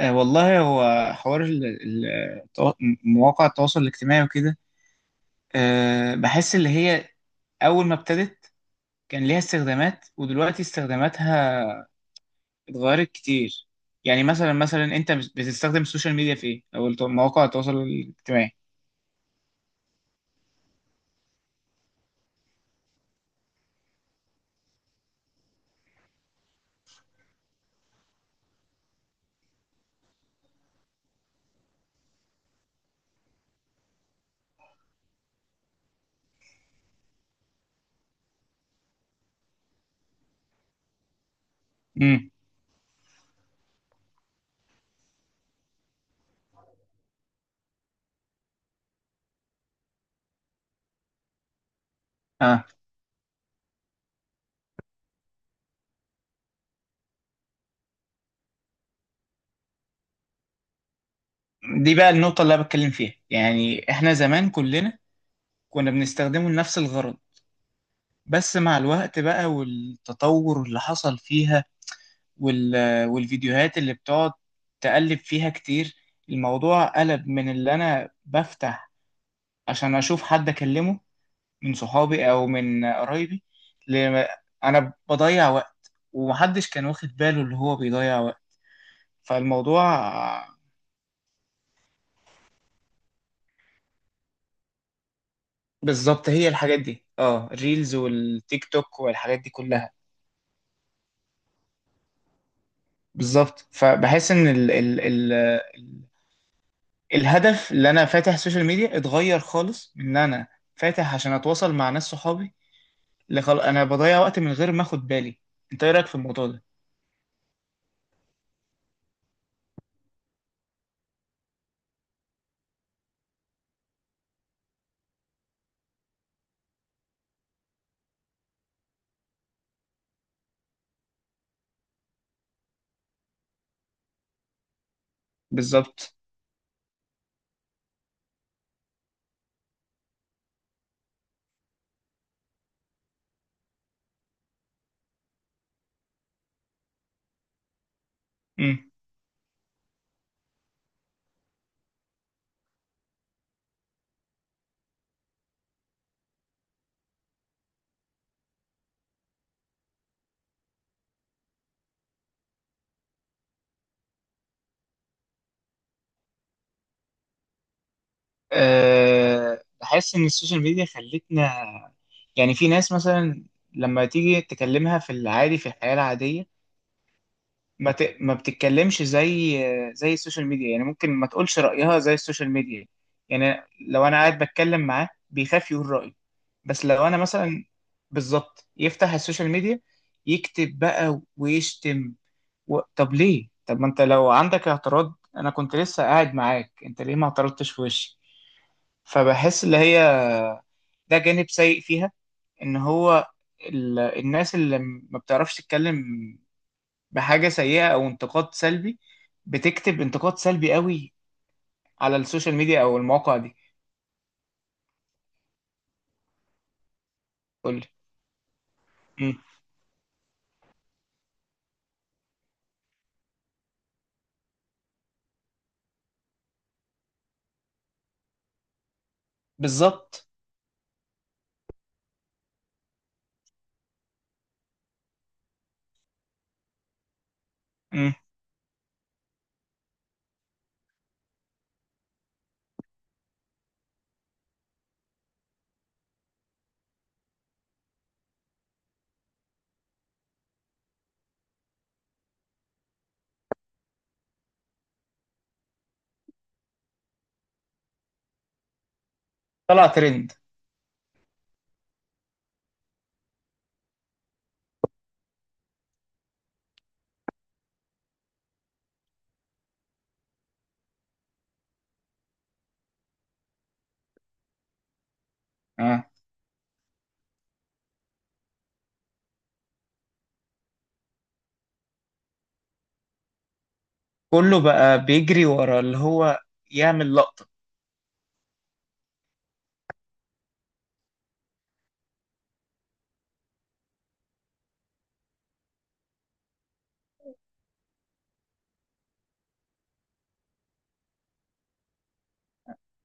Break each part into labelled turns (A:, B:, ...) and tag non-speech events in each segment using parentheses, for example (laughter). A: والله هو حوار التوا- مواقع التواصل الاجتماعي وكده. بحس اللي هي أول ما ابتدت كان ليها استخدامات، ودلوقتي استخداماتها اتغيرت كتير. يعني مثلا أنت بتستخدم السوشيال ميديا في إيه؟ أو مواقع التواصل الاجتماعي. امم. اه، دي بقى النقطة اللي أنا بتكلم فيها. يعني إحنا زمان كلنا كنا بنستخدمه لنفس الغرض، بس مع الوقت بقى والتطور اللي حصل فيها وال... والفيديوهات اللي بتقعد تقلب فيها كتير، الموضوع قلب من اللي أنا بفتح عشان أشوف حد أكلمه من صحابي أو من قرايبي ل... أنا بضيع وقت، ومحدش كان واخد باله اللي هو بيضيع وقت. فالموضوع بالظبط هي الحاجات دي، اه، الريلز والتيك توك والحاجات دي كلها. بالظبط، فبحس ان ال الهدف اللي انا فاتح السوشيال ميديا اتغير خالص، من ان انا فاتح عشان اتواصل مع ناس صحابي اللي انا بضيع وقت من غير ما اخد بالي. انت ايه رايك في الموضوع ده؟ بالظبط. امم. بحس ان السوشيال ميديا خلتنا، يعني في ناس مثلا لما تيجي تكلمها في العادي في الحياه العاديه ما بتتكلمش زي السوشيال ميديا، يعني ممكن ما تقولش رايها زي السوشيال ميديا. يعني لو انا قاعد بتكلم معاه بيخاف يقول رايه، بس لو انا مثلا بالظبط يفتح السوشيال ميديا يكتب بقى ويشتم. طب ليه؟ طب ما انت لو عندك اعتراض انا كنت لسه قاعد معاك، انت ليه ما اعترضتش في وشي؟ فبحس اللي هي ده جانب سيء فيها، ان هو الناس اللي ما بتعرفش تتكلم بحاجة سيئة او انتقاد سلبي، بتكتب انتقاد سلبي قوي على السوشيال ميديا او المواقع دي. قول لي. مم. بالظبط. مم. طلع ترند. آه. كله بقى بيجري ورا اللي هو يعمل لقطة.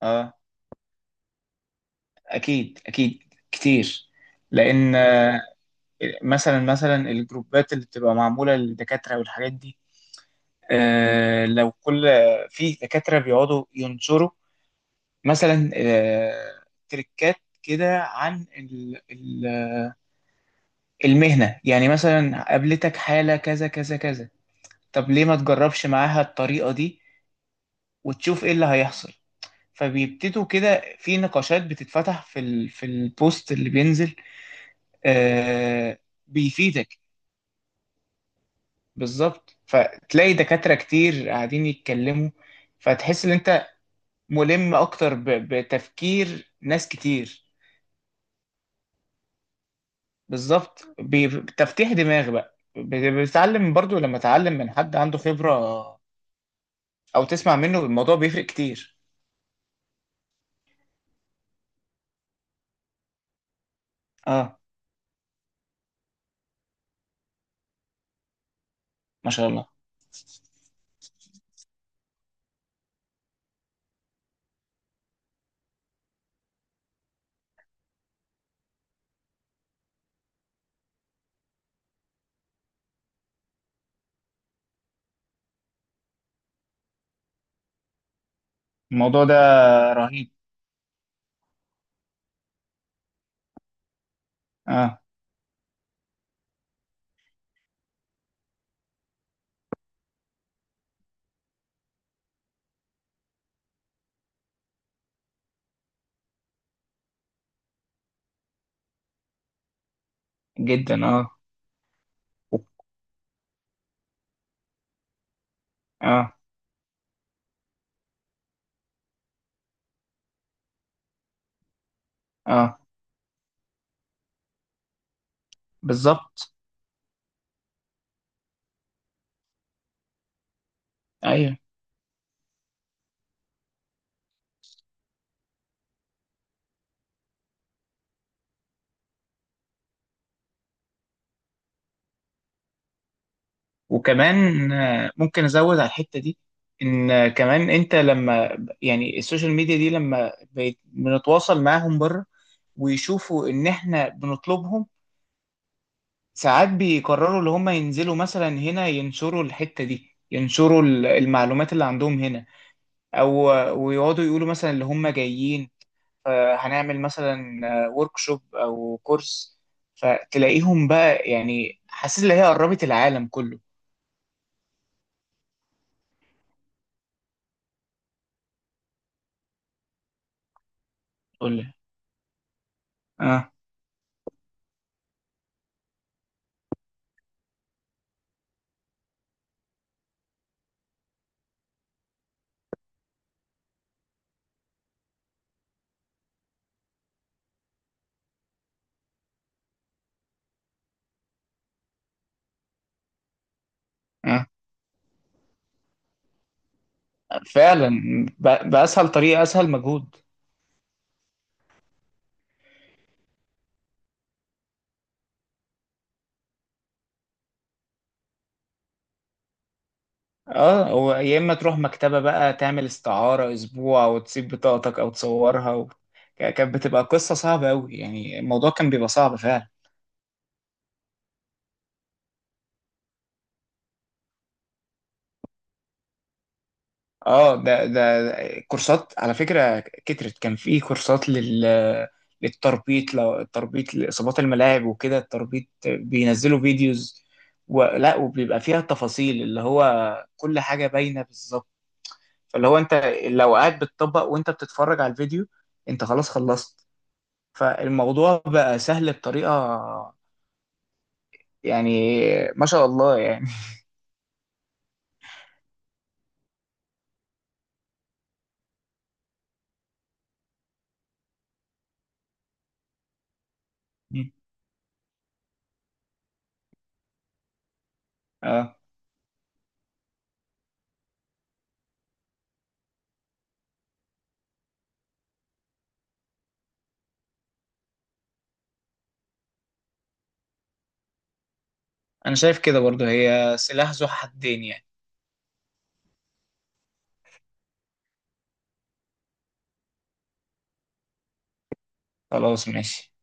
A: اه، اكيد اكيد كتير. لان مثلا الجروبات اللي بتبقى معمولة للدكاترة والحاجات دي، آه، لو كل في دكاترة بيقعدوا ينشروا مثلا، آه، تريكات كده عن المهنة، يعني مثلا قابلتك حالة كذا كذا كذا، طب ليه ما تجربش معاها الطريقة دي وتشوف ايه اللي هيحصل؟ فبيبتدوا كده في نقاشات بتتفتح في في البوست اللي بينزل. آه. بيفيدك. بالظبط، فتلاقي دكاترة كتير قاعدين يتكلموا، فتحس ان انت ملم اكتر بتفكير ناس كتير. بالظبط، بتفتيح دماغ بقى، بتتعلم برضو لما تتعلم من حد عنده خبرة او تسمع منه، الموضوع بيفرق كتير. اه. ما شاء الله. الموضوع ده رهيب. اه. جدا اه. اه. اه. بالظبط. ايوه. وكمان ممكن ازود على الحته دي، ان كمان انت لما يعني السوشيال ميديا دي لما بنتواصل معاهم بره ويشوفوا ان احنا بنطلبهم، ساعات بيقرروا اللي هم ينزلوا مثلا هنا، ينشروا الحتة دي، ينشروا المعلومات اللي عندهم هنا. او ويقعدوا يقولوا مثلا اللي هم جايين، هنعمل مثلا وركشوب او كورس، فتلاقيهم بقى، يعني حاسس ان هي قربت العالم كله. قول لي. اه. اه فعلا، بأسهل طريقة، أسهل مجهود. اه، هو يا اما تروح مكتبة بقى تعمل استعارة اسبوع وتسيب بطاقتك او تصورها كانت بتبقى قصة صعبة قوي، يعني الموضوع كان بيبقى صعب فعلا. اه، ده كورسات على فكرة كترت. كان في كورسات للتربيط، لو التربيط لإصابات الملاعب وكده التربيط، بينزلوا فيديوز وبيبقى فيها تفاصيل اللي هو كل حاجة باينة بالظبط. فاللي هو انت لو قاعد بتطبق وانت بتتفرج على الفيديو انت خلاص خلصت، فالموضوع بقى سهل بطريقة، يعني ما شاء الله يعني. (laughs) اه، انا شايف كده برضو، هي سلاح ذو حدين يعني. خلاص ماشي.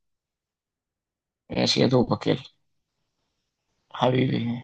A: ماشي يا دوبك يلا حبيبي.